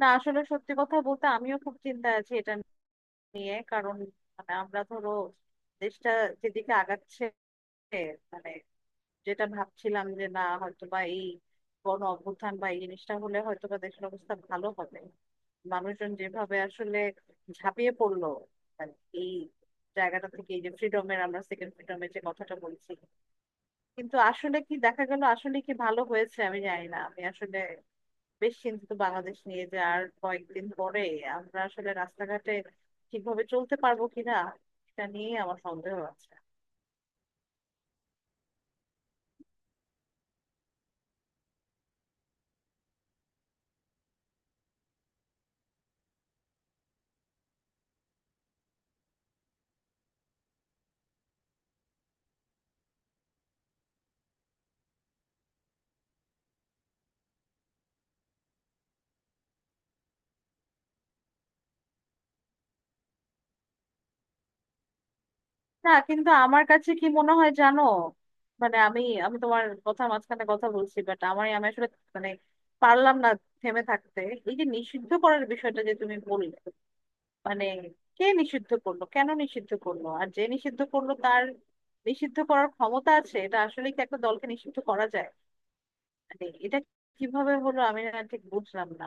না, আসলে সত্যি কথা বলতে আমিও খুব চিন্তায় আছি এটা নিয়ে। কারণ মানে আমরা ধরো দেশটা যেদিকে আগাচ্ছে, মানে যেটা ভাবছিলাম যে না হয়তো বা এই গণ অভ্যুত্থান বা এই জিনিসটা হলে হয়তো বা দেশের অবস্থা ভালো হবে, মানুষজন যেভাবে আসলে ঝাঁপিয়ে পড়লো, মানে এই জায়গাটা থেকে এই যে ফ্রিডমের, আমরা সেকেন্ড ফ্রিডমের যে কথাটা বলছি, কিন্তু আসলে কি দেখা গেল, আসলে কি ভালো হয়েছে আমি জানি না। আমি আসলে বেশ চিন্তিত বাংলাদেশ নিয়ে যে আর কয়েকদিন পরে আমরা আসলে রাস্তাঘাটে ঠিকভাবে চলতে পারবো কিনা, এটা নিয়ে আমার সন্দেহ আছে। না কিন্তু আমার কাছে কি মনে হয় জানো, মানে আমি আমি তোমার কথা মাঝখানে কথা বলছি, বাট আমার, আমি আসলে মানে পারলাম না থেমে থাকতে। এই যে নিষিদ্ধ করার বিষয়টা যে তুমি বললে, মানে কে নিষিদ্ধ করলো, কেন নিষিদ্ধ করলো, আর যে নিষিদ্ধ করলো তার নিষিদ্ধ করার ক্ষমতা আছে, এটা আসলে কি একটা দলকে নিষিদ্ধ করা যায়? মানে এটা কিভাবে হলো আমি না ঠিক বুঝলাম না।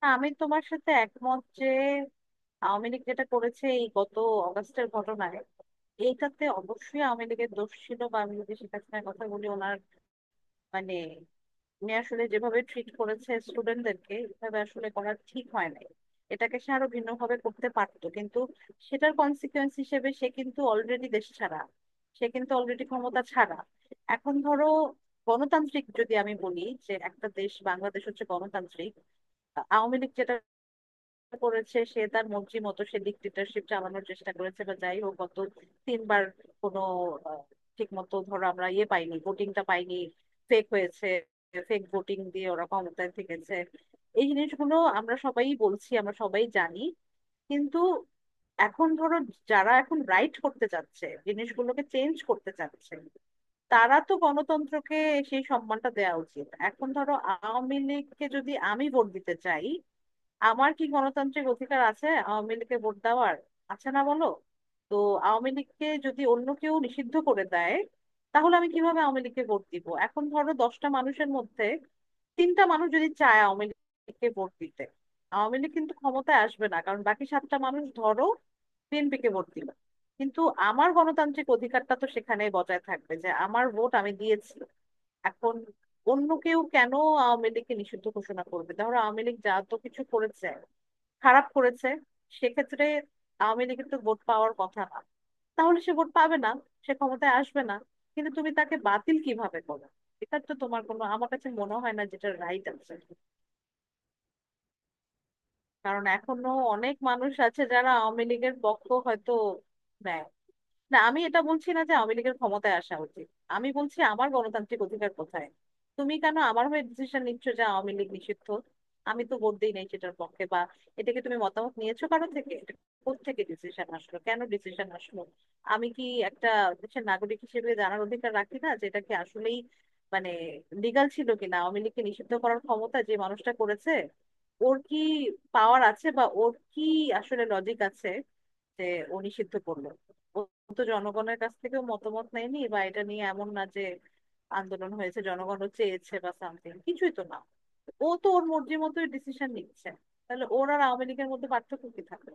না, আমি তোমার সাথে একমত যে আওয়ামী লীগ যেটা করেছে এই গত অগাস্টের ঘটনায়, এইটাতে অবশ্যই আওয়ামী লীগের দোষ ছিল। বা আমি যদি শেখ হাসিনার কথা বলি, ওনার মানে উনি আসলে যেভাবে ট্রিট করেছে স্টুডেন্টদেরকে, এভাবে আসলে করা ঠিক হয় নাই। এটাকে সে আরো ভিন্নভাবে করতে পারতো, কিন্তু সেটার কনসিকোয়েন্স হিসেবে সে কিন্তু অলরেডি দেশ ছাড়া, সে কিন্তু অলরেডি ক্ষমতা ছাড়া। এখন ধরো গণতান্ত্রিক যদি আমি বলি যে একটা দেশ বাংলাদেশ হচ্ছে গণতান্ত্রিক, আওয়ামী লীগ যেটা করেছে, সে তার মর্জি মতো সে ডিক্টেটরশিপ চালানোর চেষ্টা করেছে, বা যাই হোক গত তিনবার কোনো ঠিক মতো ধরো আমরা পাইনি, ভোটিংটা পাইনি, ফেক হয়েছে, ফেক ভোটিং দিয়ে ওরা ক্ষমতায় থেকেছে। এই জিনিসগুলো আমরা সবাই বলছি, আমরা সবাই জানি। কিন্তু এখন ধরো যারা এখন রাইট করতে চাচ্ছে, জিনিসগুলোকে চেঞ্জ করতে চাচ্ছে, তারা তো গণতন্ত্রকে সেই সম্মানটা দেওয়া উচিত। এখন ধরো আওয়ামী লীগকে যদি আমি ভোট দিতে চাই, আমার কি গণতান্ত্রিক অধিকার আছে আওয়ামী লীগকে ভোট দেওয়ার? আছে না বলো? তো আওয়ামী লীগকে যদি অন্য কেউ নিষিদ্ধ করে দেয়, তাহলে আমি কিভাবে আওয়ামী লীগকে ভোট দিব? এখন ধরো 10টা মানুষের মধ্যে তিনটা মানুষ যদি চায় আওয়ামী লীগকে ভোট দিতে, আওয়ামী লীগ কিন্তু ক্ষমতায় আসবে না, কারণ বাকি সাতটা মানুষ ধরো বিএনপি কে ভোট দিল। কিন্তু আমার গণতান্ত্রিক অধিকারটা তো সেখানে বজায় থাকবে যে আমার ভোট আমি দিয়েছি। এখন অন্য কেউ কেন আওয়ামী লীগকে নিষিদ্ধ ঘোষণা করবে? ধরো আওয়ামী লীগ যা তো কিছু করেছে, খারাপ করেছে, সেক্ষেত্রে আওয়ামী লীগের তো ভোট পাওয়ার কথা না, তাহলে সে ভোট পাবে না, সে ক্ষমতায় আসবে না। কিন্তু তুমি তাকে বাতিল কিভাবে করো? এটার তো তোমার কোনো, আমার কাছে মনে হয় না যেটা রাইট আছে। কারণ এখনো অনেক মানুষ আছে যারা আওয়ামী লীগের পক্ষ হয়তো নেয়। না আমি এটা বলছি না যে আওয়ামী লীগের ক্ষমতায় আসা উচিত, আমি বলছি আমার গণতান্ত্রিক অধিকার কোথায়। তুমি কেন আমার হয়ে ডিসিশন নিচ্ছ যে আওয়ামী লীগ নিষিদ্ধ? আমি তো ভোট দিই নাই সেটার পক্ষে বা, এটাকে তুমি মতামত নিয়েছো কারো থেকে? এটা কোত্থেকে ডিসিশন আসলো, কেন ডিসিশন আসলো? আমি কি একটা দেশের নাগরিক হিসেবে জানার অধিকার রাখি না যে এটা কি আসলেই মানে লিগাল ছিল কিনা? আওয়ামী লীগকে নিষিদ্ধ করার ক্ষমতা যে মানুষটা করেছে, ওর কি পাওয়ার আছে, বা ওর কি আসলে লজিক আছে যে ও নিষিদ্ধ করলো? ও তো জনগণের কাছ থেকেও মতামত নেয়নি, বা এটা নিয়ে এমন না যে আন্দোলন হয়েছে, জনগণও চেয়েছে বা সামথিং, কিছুই তো না। ও তো ওর মর্জি মতোই ডিসিশন নিচ্ছে। তাহলে ওর আর আওয়ামী লীগের মধ্যে পার্থক্য কি থাকবে?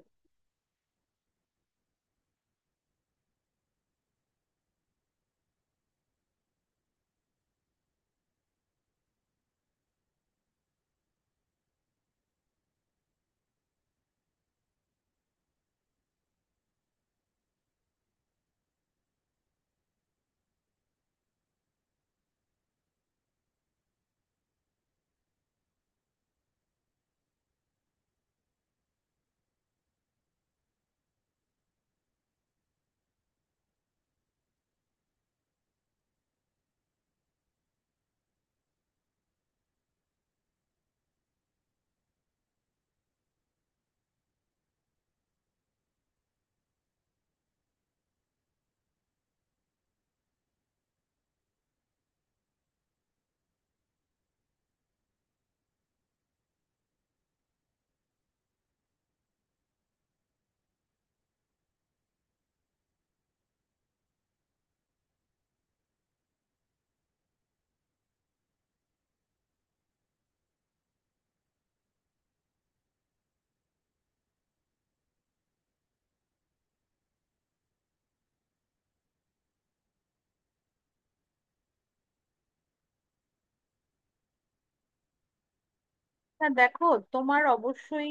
না দেখো, তোমার অবশ্যই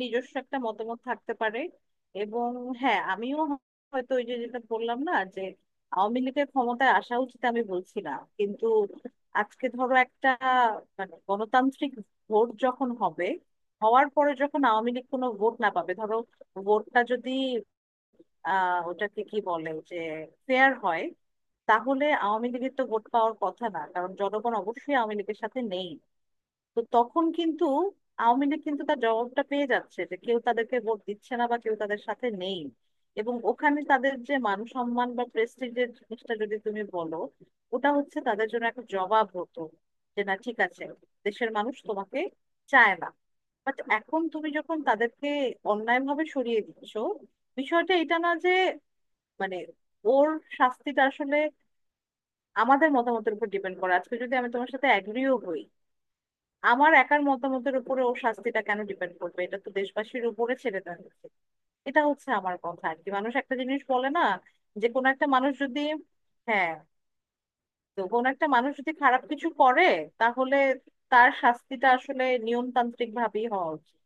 নিজস্ব একটা মতামত থাকতে পারে এবং হ্যাঁ, আমিও হয়তো, ওই যে যেটা বললাম না যে আওয়ামী লীগের ক্ষমতায় আসা উচিত আমি বলছি না, কিন্তু আজকে ধরো একটা মানে গণতান্ত্রিক ভোট যখন হবে, হওয়ার পরে যখন আওয়ামী লীগ কোনো ভোট না পাবে ধরো, ভোটটা যদি ওটাকে কি বলে যে ফেয়ার হয়, তাহলে আওয়ামী লীগের তো ভোট পাওয়ার কথা না, কারণ জনগণ অবশ্যই আওয়ামী লীগের সাথে নেই। তো তখন কিন্তু আওয়ামী লীগ কিন্তু তার জবাবটা পেয়ে যাচ্ছে যে কেউ তাদেরকে ভোট দিচ্ছে না বা কেউ তাদের সাথে নেই। এবং ওখানে তাদের যে মান সম্মান বা প্রেস্টিজের জিনিসটা যদি তুমি বলো, ওটা হচ্ছে তাদের জন্য একটা জবাব হতো যে না ঠিক আছে, দেশের মানুষ তোমাকে চায় না। বাট এখন তুমি যখন তাদেরকে অন্যায়ভাবে সরিয়ে দিচ্ছ, বিষয়টা এটা না যে, মানে ওর শাস্তিটা আসলে আমাদের মতামতের উপর ডিপেন্ড করে। আজকে যদি আমি তোমার সাথে অ্যাগ্রিও হই, আমার একার মতামতের উপরে ওর শাস্তিটা কেন ডিপেন্ড করবে? এটা তো দেশবাসীর উপরে ছেড়ে দেওয়া উচিত। এটা হচ্ছে আমার কথা আর কি। মানুষ একটা জিনিস বলে না যে কোনো একটা মানুষ যদি হ্যাঁ, তো কোনো একটা মানুষ যদি খারাপ কিছু করে, তাহলে তার শাস্তিটা আসলে নিয়মতান্ত্রিক ভাবেই হওয়া উচিত।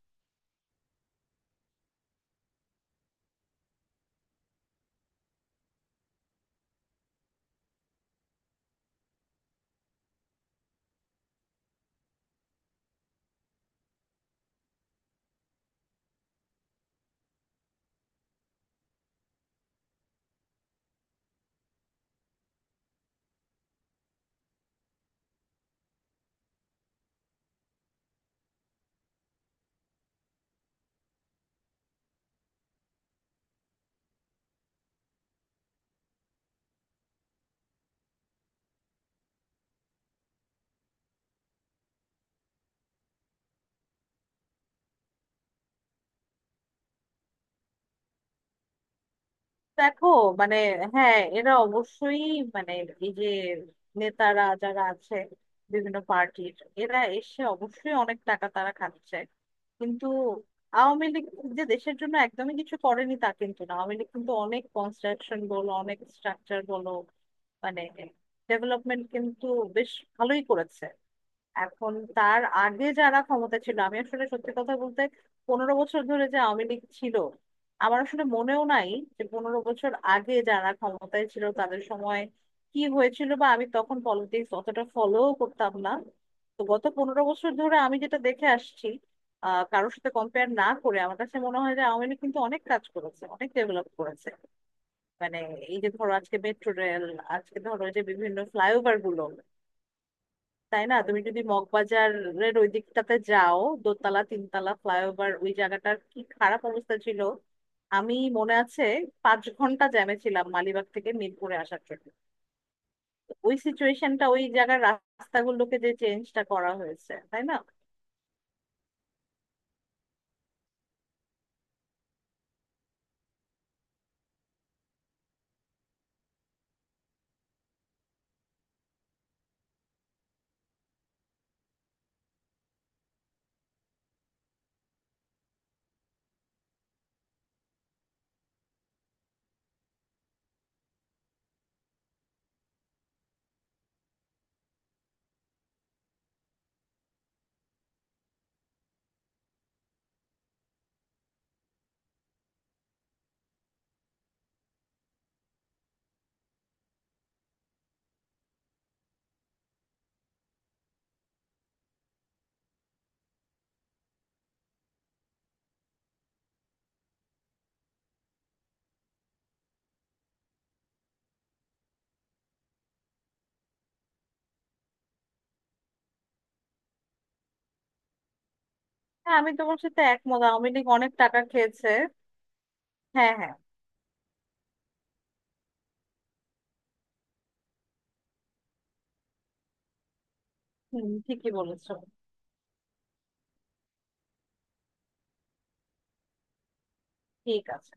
দেখো মানে হ্যাঁ এরা অবশ্যই, মানে এই যে নেতারা যারা আছে বিভিন্ন পার্টির, এরা এসে অবশ্যই অনেক টাকা তারা খাচ্ছে। কিন্তু আওয়ামী লীগ যে দেশের জন্য একদমই কিছু করেনি তা কিন্তু না, আওয়ামী লীগ কিন্তু অনেক কনস্ট্রাকশন বলো, অনেক স্ট্রাকচার বলো, মানে ডেভেলপমেন্ট কিন্তু বেশ ভালোই করেছে। এখন তার আগে যারা ক্ষমতা ছিল, আমি আসলে সত্যি কথা বলতে 15 বছর ধরে যে আওয়ামী লীগ ছিল, আমার আসলে মনেও নাই যে 15 বছর আগে যারা ক্ষমতায় ছিল তাদের সময় কি হয়েছিল, বা আমি তখন পলিটিক্স অতটা ফলো করতাম না। তো গত 15 বছর ধরে আমি যেটা দেখে আসছি, কারোর সাথে কম্পেয়ার না করে আমার কাছে মনে হয় যে আওয়ামী লীগ কিন্তু অনেক কাজ করেছে, অনেক ডেভেলপ করেছে। মানে এই যে ধরো আজকে মেট্রো রেল, আজকে ধরো এই যে বিভিন্ন ফ্লাইওভার গুলো, তাই না? তুমি যদি মগবাজারের ওই দিকটাতে যাও, দোতলা তিনতলা ফ্লাইওভার, ওই জায়গাটার কি খারাপ অবস্থা ছিল আমি মনে আছে। 5 ঘন্টা জ্যামে ছিলাম মালিবাগ থেকে মিরপুরে আসার জন্য। তো ওই সিচুয়েশনটা, ওই জায়গার রাস্তাগুলোকে যে চেঞ্জটা করা হয়েছে, তাই না? হ্যাঁ আমি তোমার সাথে একমত, আওয়ামী লীগ অনেক টাকা খেয়েছে। হ্যাঁ, হ্যাঁ। হুম, ঠিকই বলেছো। ঠিক আছে।